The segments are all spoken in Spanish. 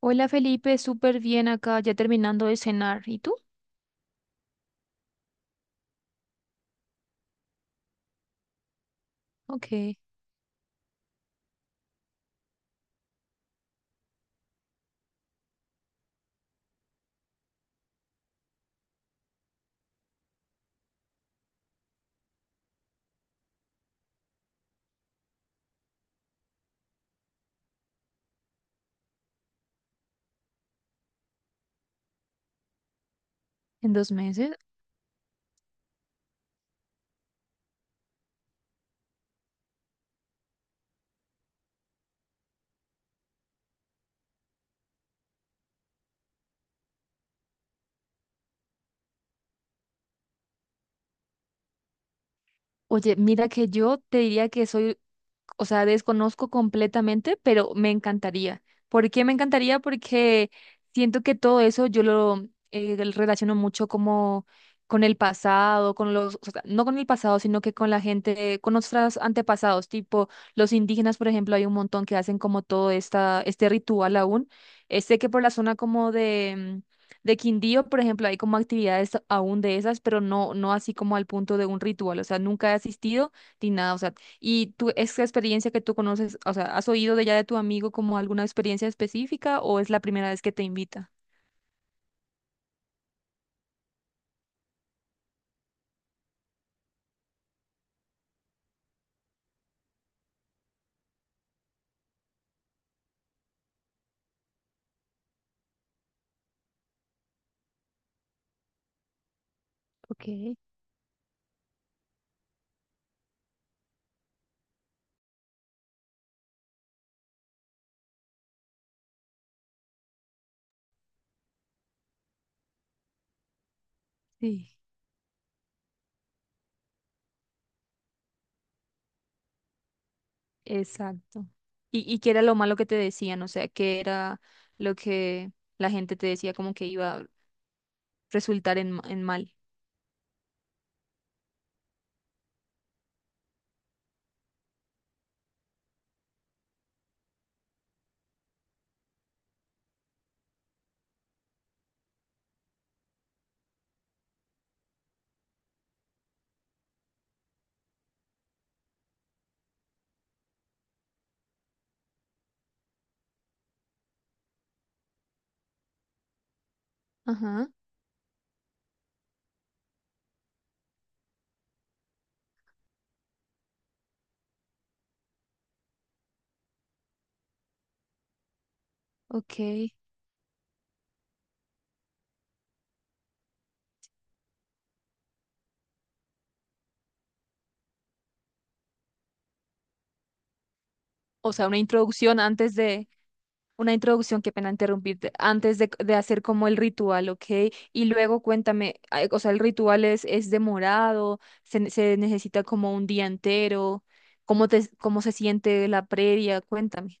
Hola Felipe, súper bien acá, ya terminando de cenar. ¿Y tú? Ok, en dos meses. Oye, mira que yo te diría que soy, o sea, desconozco completamente, pero me encantaría. ¿Por qué me encantaría? Porque siento que todo eso yo lo relaciono mucho como con el pasado, con o sea, no con el pasado, sino que con la gente, con nuestros antepasados, tipo los indígenas, por ejemplo, hay un montón que hacen como todo este ritual aún. Sé que por la zona como de Quindío, por ejemplo, hay como actividades aún de esas, pero no, no así como al punto de un ritual, o sea, nunca he asistido ni nada, o sea, y tú, esa experiencia que tú conoces, o sea, ¿has oído de ya de tu amigo como alguna experiencia específica o es la primera vez que te invita? Ok, sí. Exacto. Y qué era lo malo que te decían, o sea, qué era lo que la gente te decía como que iba a resultar en mal. Ajá, ok. O sea, una introducción antes de... Una introducción, qué pena interrumpirte, antes de hacer como el ritual, ¿ok? Y luego cuéntame, ay, o sea, el ritual es demorado, se necesita como un día entero, ¿cómo cómo se siente la previa? Cuéntame.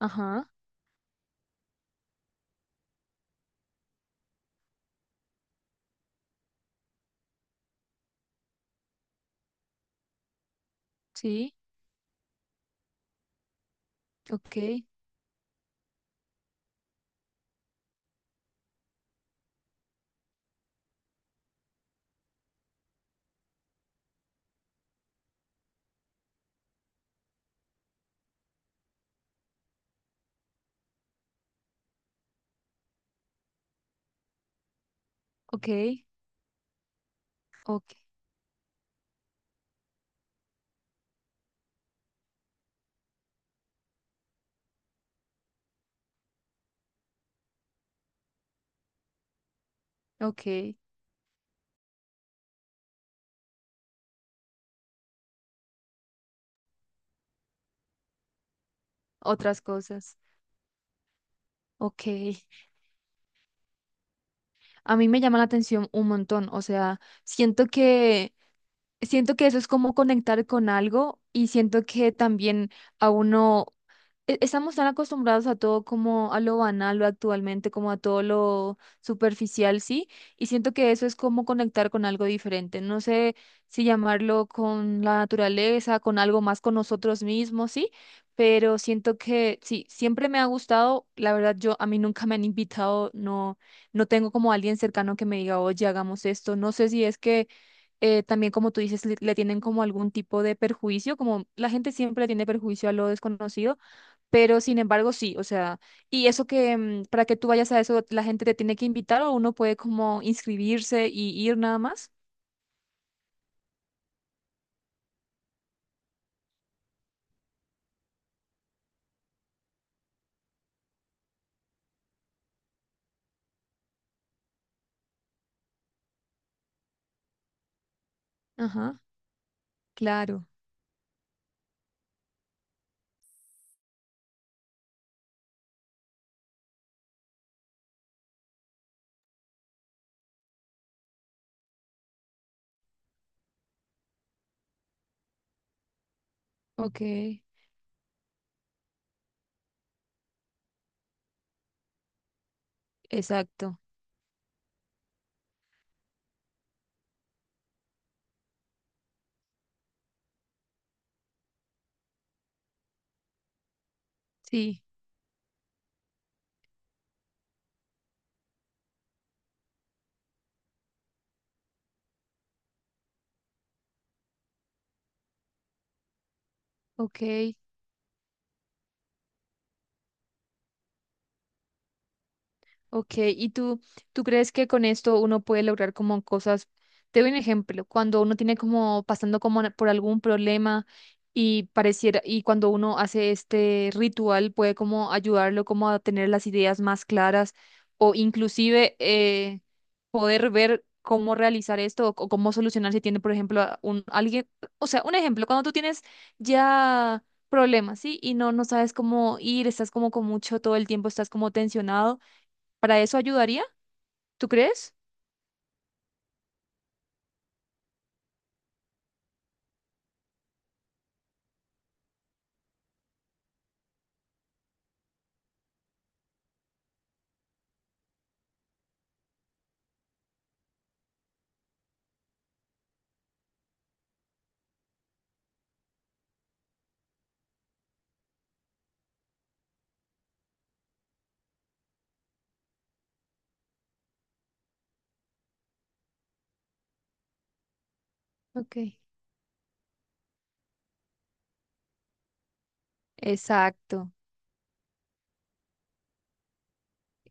Ajá, sí, ok, ok, ok, ok, otras cosas, ok. A mí me llama la atención un montón, o sea, siento que eso es como conectar con algo y siento que también a uno estamos tan acostumbrados a todo como a lo banal, lo actualmente, como a todo lo superficial, sí, y siento que eso es como conectar con algo diferente. No sé si llamarlo con la naturaleza, con algo más con nosotros mismos, sí, pero siento que sí, siempre me ha gustado. La verdad, yo a mí nunca me han invitado, no, no tengo como alguien cercano que me diga, oye, hagamos esto. No sé si es que también, como tú dices, le tienen como algún tipo de perjuicio, como la gente siempre tiene perjuicio a lo desconocido. Pero sin embargo, sí, o sea, y eso que para que tú vayas a eso, la gente te tiene que invitar o uno puede como inscribirse y ir nada más. Ajá, claro, ok, exacto, sí, ok. Ok, ¿tú crees que con esto uno puede lograr como cosas? Te doy un ejemplo, cuando uno tiene como pasando por algún problema y pareciera, y cuando uno hace este ritual puede como ayudarlo como a tener las ideas más claras o inclusive poder ver cómo realizar esto cómo solucionar si tiene, por ejemplo, a un alguien, o sea, un ejemplo, cuando tú tienes ya problemas, ¿sí? Y no, no sabes cómo ir, estás como con mucho todo el tiempo, estás como tensionado. ¿Para eso ayudaría? ¿Tú crees? Ok. Exacto,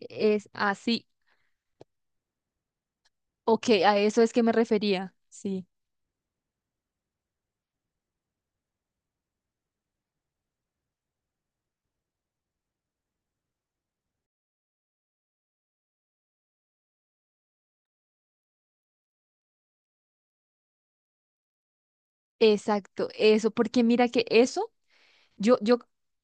es así. Ok, a eso es que me refería. Sí, exacto, eso, porque mira que eso. Yo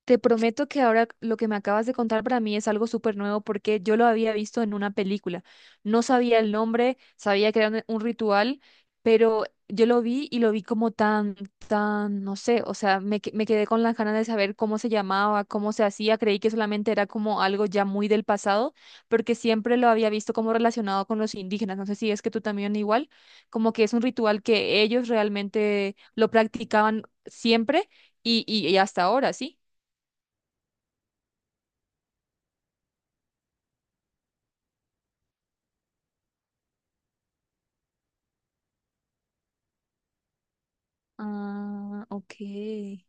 te prometo que ahora lo que me acabas de contar para mí es algo súper nuevo porque yo lo había visto en una película. No sabía el nombre, sabía que era un ritual, pero yo lo vi y lo vi como tan, tan, no sé, o sea, me quedé con las ganas de saber cómo se llamaba, cómo se hacía. Creí que solamente era como algo ya muy del pasado, porque siempre lo había visto como relacionado con los indígenas. No sé si es que tú también igual, como que es un ritual que ellos realmente lo practicaban siempre y hasta ahora, sí. Ah, ok.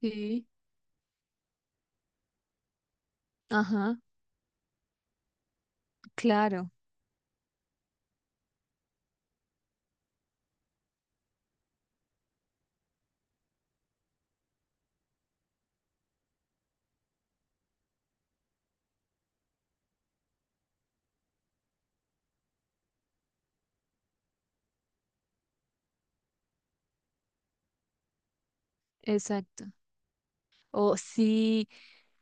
Sí. Ajá, claro, exacto. Oh, sí,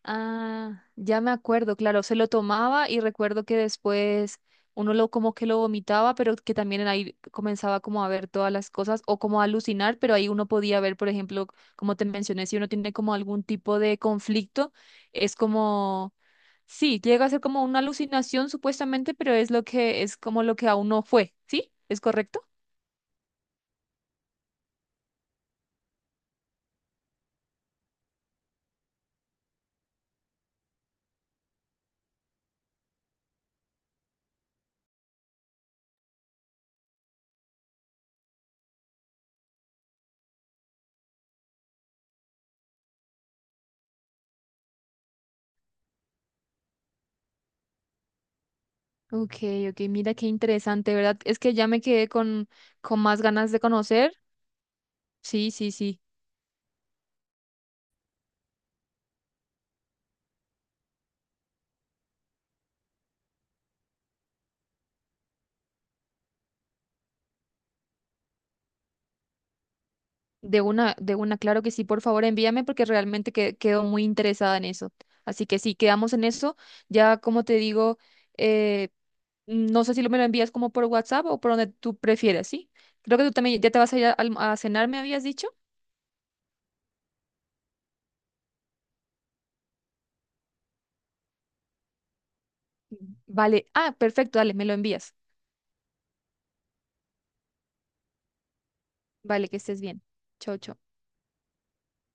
ah, ya me acuerdo, claro, se lo tomaba y recuerdo que después uno lo como que lo vomitaba, pero que también ahí comenzaba como a ver todas las cosas o como a alucinar, pero ahí uno podía ver, por ejemplo, como te mencioné, si uno tiene como algún tipo de conflicto, es como, sí, llega a ser como una alucinación supuestamente, pero es lo que es como lo que a uno fue, ¿sí? ¿Es correcto? Ok, ok, mira qué interesante, ¿verdad? Es que ya me quedé con más ganas de conocer. Sí, sí, sí. De una, claro que sí, por favor, envíame porque realmente quedo muy interesada en eso. Así que sí, quedamos en eso. Ya como te digo, eh, no sé si lo me lo envías como por WhatsApp o por donde tú prefieras, ¿sí? Creo que tú también ya te vas a ir a cenar, me habías dicho. Vale, ah, perfecto, dale, me lo envías. Vale, que estés bien. Chau, chau.